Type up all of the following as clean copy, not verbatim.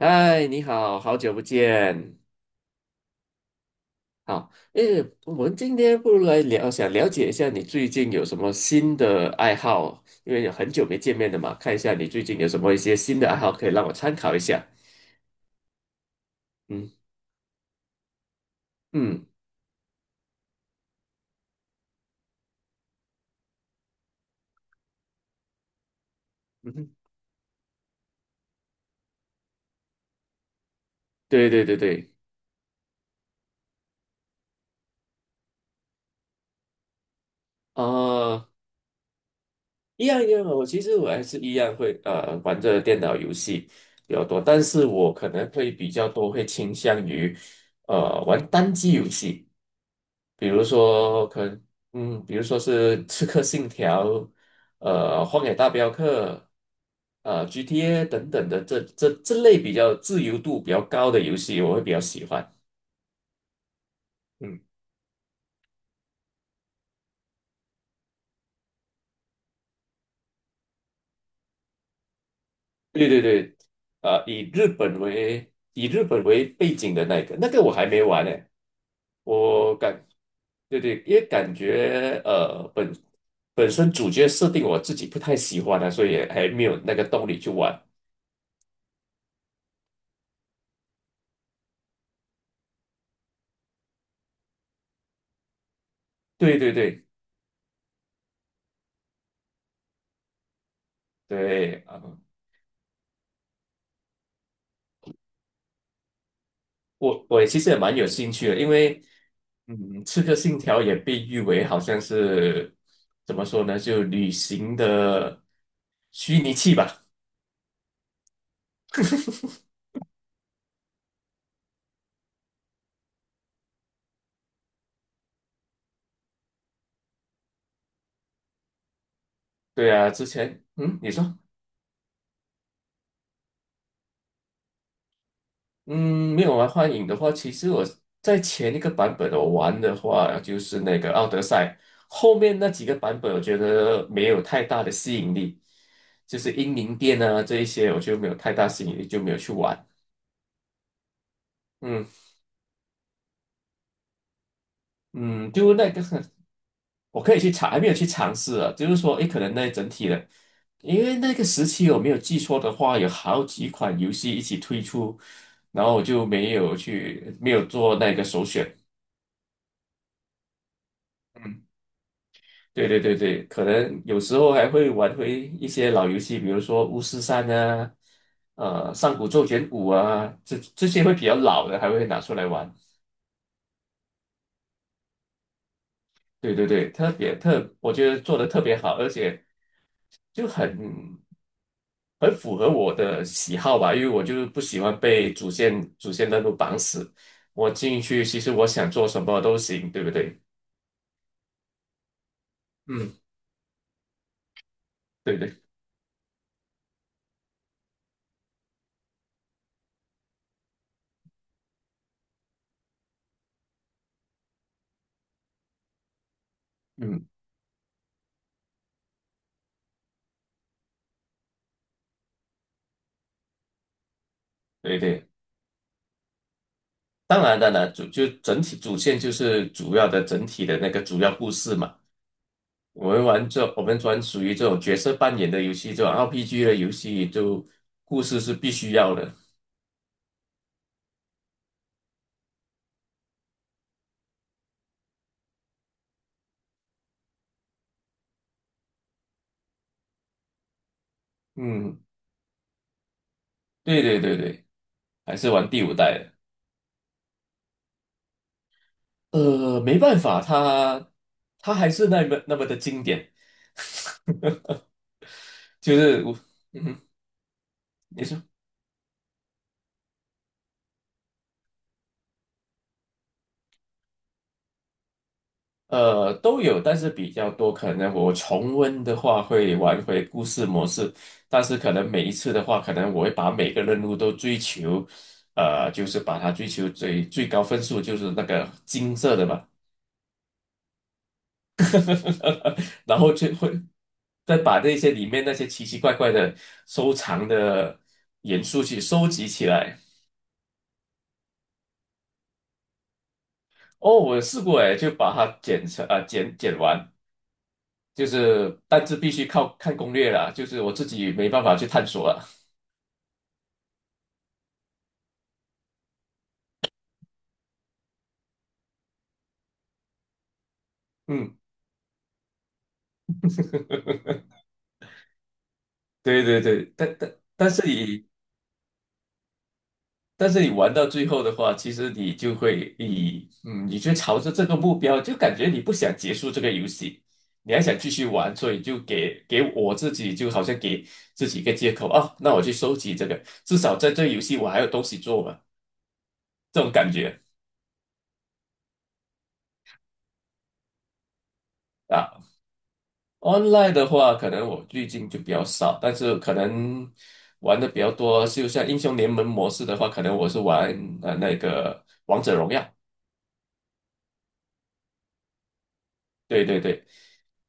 嗨，你好，好久不见。好，诶，我们今天不如来聊，想了解一下你最近有什么新的爱好，因为有很久没见面了嘛，看一下你最近有什么一些新的爱好可以让我参考一下。嗯。嗯。嗯哼。对对对对。呃，一样一样的，我其实还是一样会玩着电脑游戏比较多，但是我可能会比较多会倾向于玩单机游戏。比如说可能比如说是《刺客信条》、《荒野大镖客》、GTA 等等的这类比较自由度比较高的游戏，我会比较喜欢。嗯。对对对。以日本为背景的那个，那个我还没玩呢。我感，对对，因为感觉本身主角设定我自己不太喜欢啊，所以还没有那个动力去玩。对对对对啊，我也其实也蛮有兴趣的，因为嗯，《刺客信条》也被誉为好像是怎么说呢，就旅行的虚拟器吧。对啊，之前你说。嗯，没有玩幻影的话，其实我在前一个版本我玩的话就是那个《奥德赛》，后面那几个版本我觉得没有太大的吸引力，就是英灵殿啊这一些我就没有太大吸引力，就没有去玩。嗯。嗯，就那个 我可以去尝，还没有去尝试啊。就是说，诶，可能那整体的，因为那个时期我没有记错的话，有好几款游戏一起推出，然后我就没有去，没有做那个首选。嗯，对对对对，可能有时候还会玩回一些老游戏，比如说《巫师三》啊，《上古咒卷五》啊，这些会比较老的，还会拿出来玩。对对对，特别特，我觉得做的特别好，而且。就很符合我的喜好吧，因为我就是不喜欢被主线任务绑死。我进去，其实我想做什么都行，对不对？嗯。对对。嗯。对对。当然，当然，就整体主线就是主要的整体的那个主要故事嘛。我们玩这，我们专属于这种角色扮演的游戏，这种 RPG 的游戏，就故事是必须要的。嗯，对对对对，还是玩第五代的。没办法，它还是那么那么的经典，就是我。嗯哼。你说。都有，但是比较多，可能我重温的话会玩回故事模式，但是可能每一次的话，可能我会把每个任务都追求，就是把它追求最最高分数，就是那个金色的嘛，然后就会再把那些里面那些奇奇怪怪的收藏的元素去收集起来。哦，我有试过哎，就把它剪成啊、剪剪完，就是但是必须靠看攻略啦，就是我自己没办法去探索了。嗯。对对对，但是你玩到最后的话，其实你就会以嗯，你就朝着这个目标，就感觉你不想结束这个游戏，你还想继续玩，所以就给我自己就好像给自己一个借口啊，那我去收集这个，至少在这个游戏我还有东西做嘛，这种感觉。啊。online 的话，可能我最近就比较少，但是可能玩的比较多，就像英雄联盟模式的话，可能我是玩那个王者荣耀。对对对，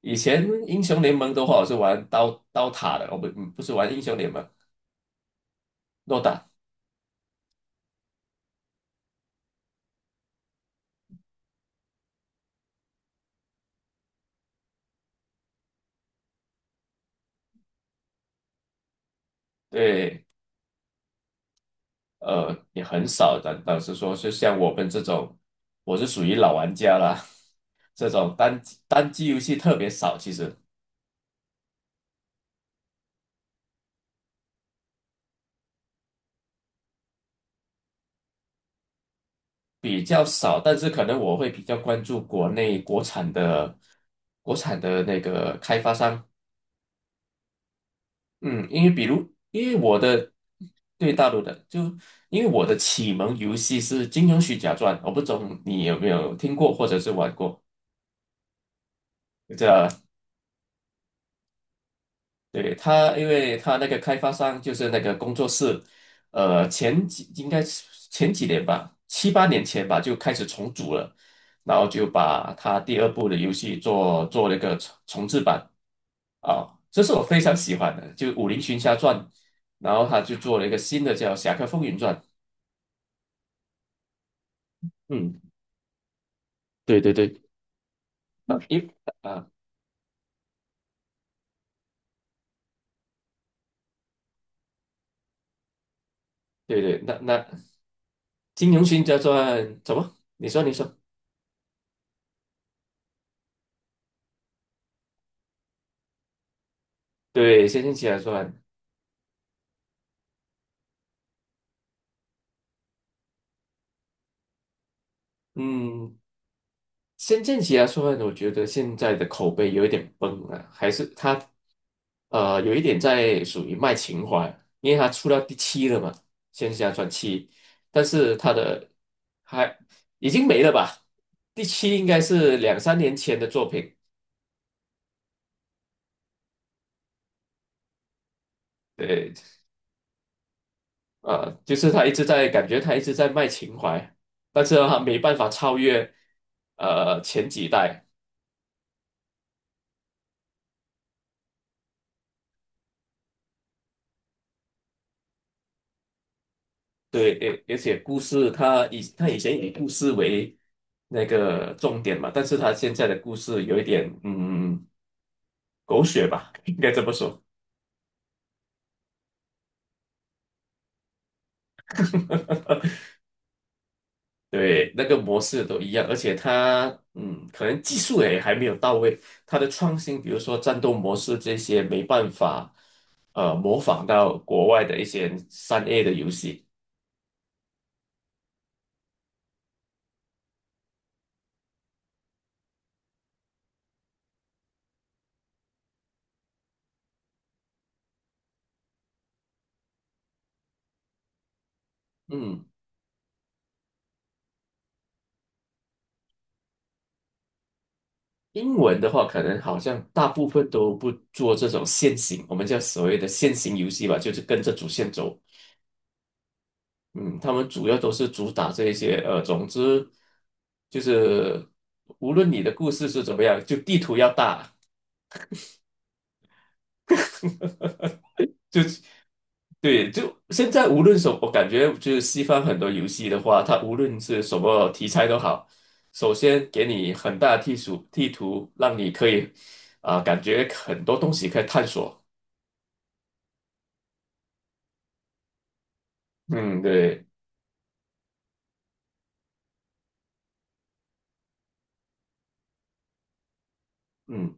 以前英雄联盟的话，我是玩刀塔的，我不是玩英雄联盟，诺打。对，也很少的。老实说，就像我们这种，我是属于老玩家啦，这种单机游戏特别少，其实。比较少，但是可能我会比较关注国内国产的国产的那个开发商，嗯，因为我的对大陆的，就因为我的启蒙游戏是《金庸群侠传》，我不懂你有没有听过或者是玩过这对，他，因为他那个开发商就是那个工作室，应该是前几年吧，七八年前吧，就开始重组了，然后就把他第二部的游戏做了一个重制版啊，这是我非常喜欢的，就《武林群侠传》，然后他就做了一个新的叫《侠客风云传》，嗯，对对对，啊，啊，对对，那《金庸群侠传》怎么？你说你说，对，《仙剑奇侠传》，嗯。《仙剑奇侠传》，我觉得现在的口碑有一点崩啊，还是他有一点在属于卖情怀，因为他出到第七了嘛，《仙剑奇侠传七》，但是他的还已经没了吧？第七应该是两三年前的作品，对，就是他一直在感觉他一直在卖情怀，但是他没办法超越，前几代。对，而而且故事它以它以前以故事为那个重点嘛，但是它现在的故事有一点狗血吧，应该这么说。对，那个模式都一样，而且它嗯，可能技术也还没有到位，它的创新，比如说战斗模式这些，没办法模仿到国外的一些3A 的游戏。嗯。英文的话，可能好像大部分都不做这种线行，我们叫所谓的线行游戏吧，就是跟着主线走。嗯，他们主要都是主打这一些，总之就是呃无论你的故事是怎么样，就地图要大，就对，就现在无论什么，我感觉就是西方很多游戏的话，它无论是什么题材都好，首先给你很大的地图，让你可以啊、感觉很多东西可以探索。嗯，对，嗯。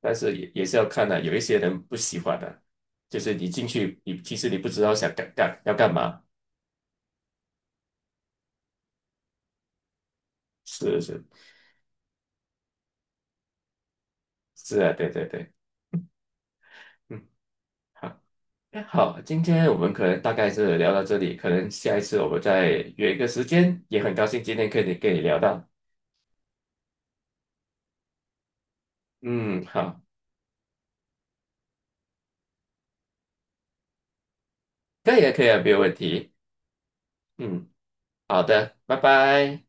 但是也是要看的、有一些人不喜欢的、就是你进去，你其实不知道想干干要干嘛，是是是啊，对对对，嗯，好，那好，今天我们可能大概是聊到这里，可能下一次我们再约一个时间，也很高兴今天可以跟你聊到，嗯，好，可以啊，可以啊，没有问题，嗯，好的，拜拜。